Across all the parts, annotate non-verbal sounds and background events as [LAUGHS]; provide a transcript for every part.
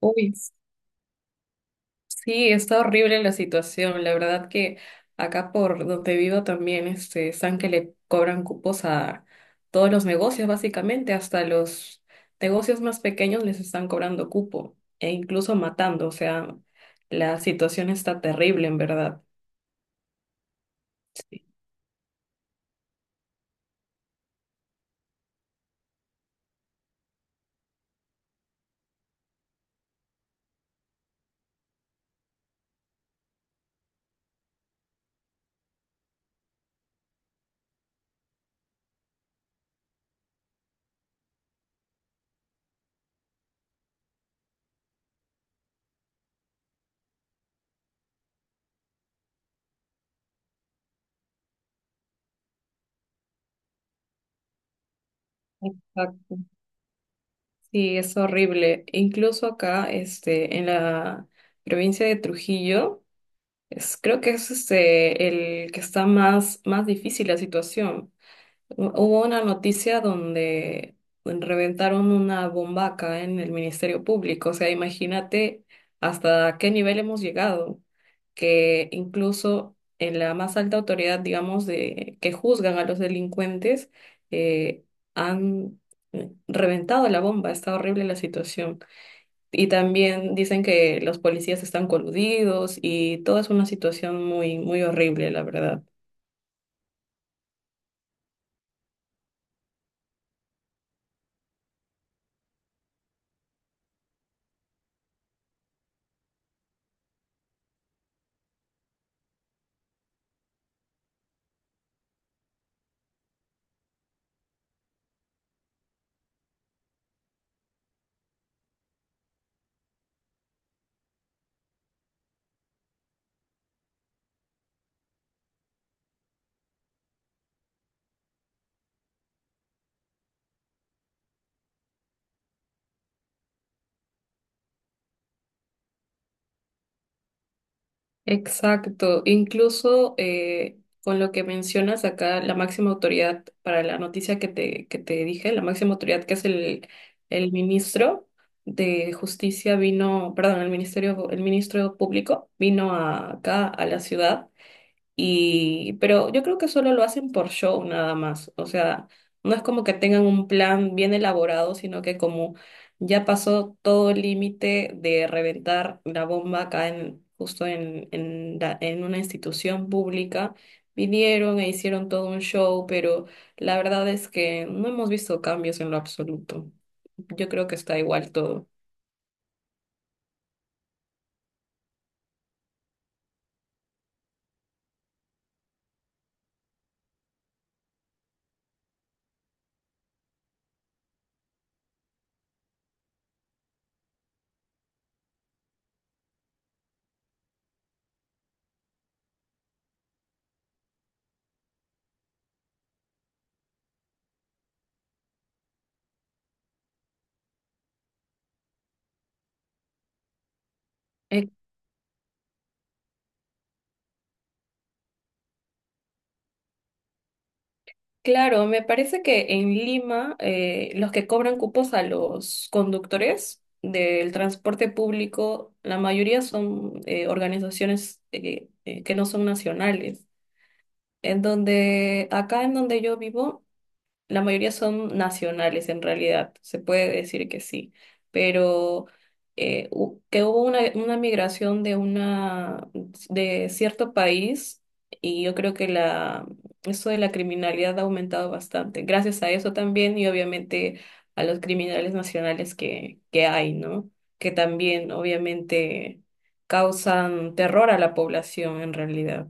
Uy, sí, está horrible la situación. La verdad que acá por donde vivo también están que le cobran cupos a todos los negocios, básicamente, hasta los negocios más pequeños les están cobrando cupo e incluso matando. O sea, la situación está terrible, en verdad. Sí, exacto. Sí, es horrible. Incluso acá, en la provincia de Trujillo, creo que es el que está más difícil la situación. Hubo una noticia donde bueno, reventaron una bomba acá en el Ministerio Público. O sea, imagínate hasta qué nivel hemos llegado, que incluso en la más alta autoridad, digamos, de que juzgan a los delincuentes, eh, han reventado la bomba. Está horrible la situación. Y también dicen que los policías están coludidos y toda es una situación muy, muy horrible, la verdad. Exacto, incluso con lo que mencionas acá, la máxima autoridad para la noticia que te dije, la máxima autoridad que es el ministro de Justicia vino, perdón, el ministerio, el ministro público acá a la ciudad y, pero yo creo que solo lo hacen por show nada más. O sea, no es como que tengan un plan bien elaborado, sino que como ya pasó todo el límite de reventar la bomba justo en una institución pública, vinieron e hicieron todo un show, pero la verdad es que no hemos visto cambios en lo absoluto. Yo creo que está igual todo. Claro, me parece que en Lima los que cobran cupos a los conductores del transporte público, la mayoría son organizaciones que no son nacionales. Acá en donde yo vivo, la mayoría son nacionales, en realidad, se puede decir que sí, pero que hubo una migración de una de cierto país y yo creo que la eso de la criminalidad ha aumentado bastante. Gracias a eso también y obviamente a los criminales nacionales que hay, ¿no? Que también obviamente causan terror a la población en realidad.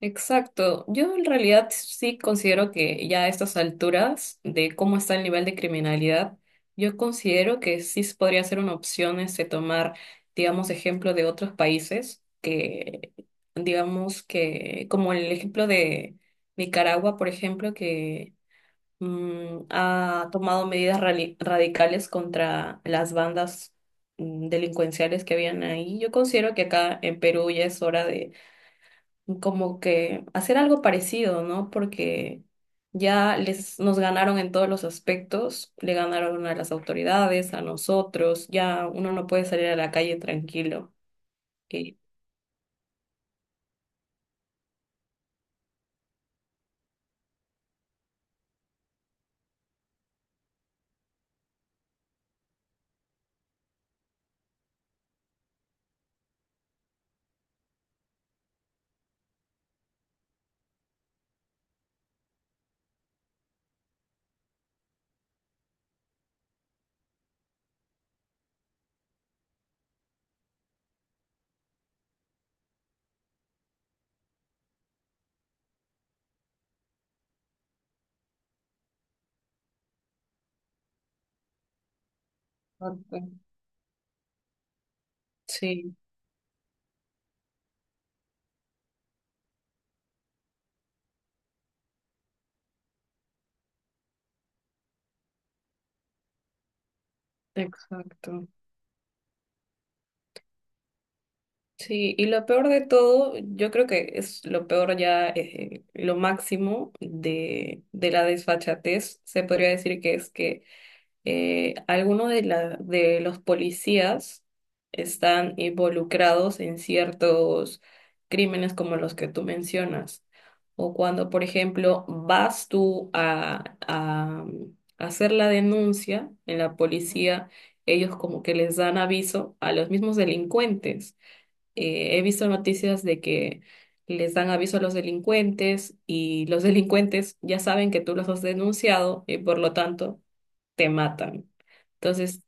Exacto. Yo en realidad sí considero que ya a estas alturas de cómo está el nivel de criminalidad, yo considero que podría ser una opción este tomar, digamos, ejemplo de otros países que, digamos que, como el ejemplo de Nicaragua, por ejemplo, que ha tomado medidas radicales contra las bandas delincuenciales que habían ahí. Yo considero que acá en Perú ya es hora como que hacer algo parecido, ¿no? Porque ya les nos ganaron en todos los aspectos, le ganaron a las autoridades, a nosotros, ya uno no puede salir a la calle tranquilo. Y exacto, sí, exacto. Sí, y lo peor de todo, yo creo que es lo peor ya, lo máximo de la desfachatez, se podría decir que es que algunos de los policías están involucrados en ciertos crímenes como los que tú mencionas. O cuando, por ejemplo, a hacer la denuncia en la policía, ellos como que les dan aviso a los mismos delincuentes. Eh, he visto noticias de que les dan aviso a los delincuentes y los [LAUGHS] delincuentes ya saben que tú los has denunciado y por lo tanto te matan. Entonces,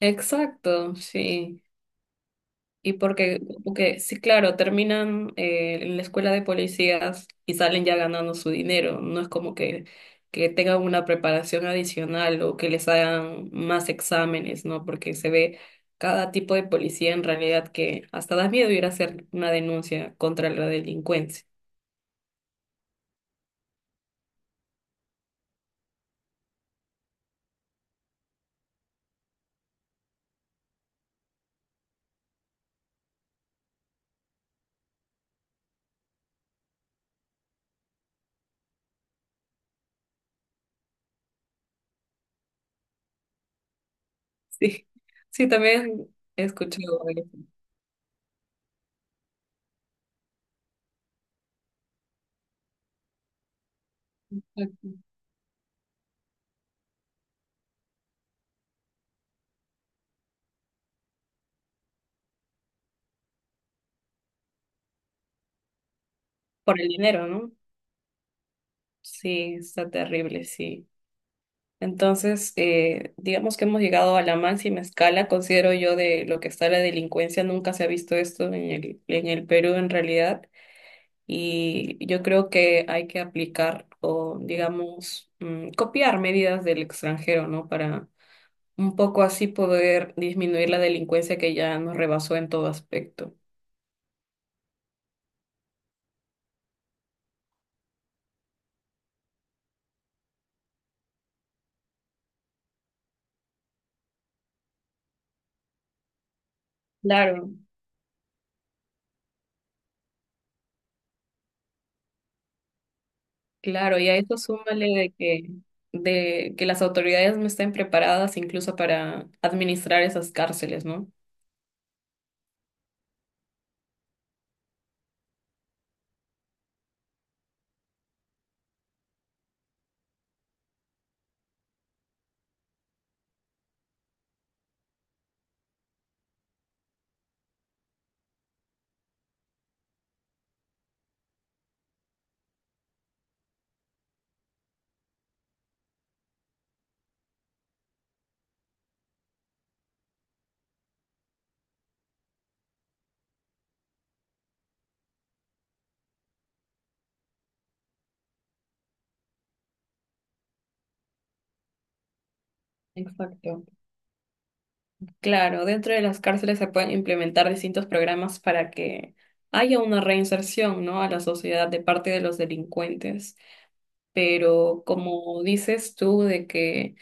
exacto, sí. Porque sí, claro, terminan en la escuela de policías y salen ya ganando su dinero. No es como que tengan una preparación adicional o que les hagan más exámenes, ¿no? Porque se ve cada tipo de policía en realidad que hasta da miedo ir a hacer una denuncia contra la delincuencia. [LAUGHS] Sí, sí, también he escuchado eso. Por el dinero, ¿no? Sí, está terrible, sí. Entonces, digamos que hemos llegado a la máxima escala, considero yo, de lo que está la delincuencia. Nunca se ha visto esto en en el Perú en realidad. Y yo creo que hay que aplicar o, digamos, copiar medidas del extranjero, ¿no? Para un poco así poder disminuir la delincuencia que ya nos rebasó en todo aspecto. Claro, claro, y a eso súmale de que las autoridades no estén preparadas incluso para administrar esas cárceles, ¿no? Exacto. Claro, dentro de las cárceles se pueden implementar distintos programas para que haya una reinserción, ¿no? A la sociedad de parte de los delincuentes. Pero como dices tú, de que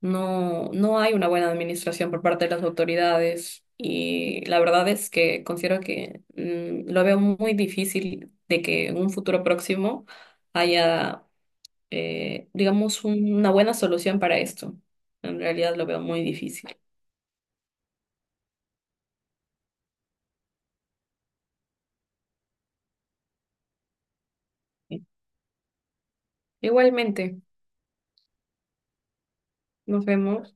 no hay una buena administración por parte de las autoridades y la verdad es que considero que lo veo muy difícil de que en un futuro próximo haya, digamos, una buena solución para esto. En realidad lo veo muy difícil. Igualmente, nos vemos.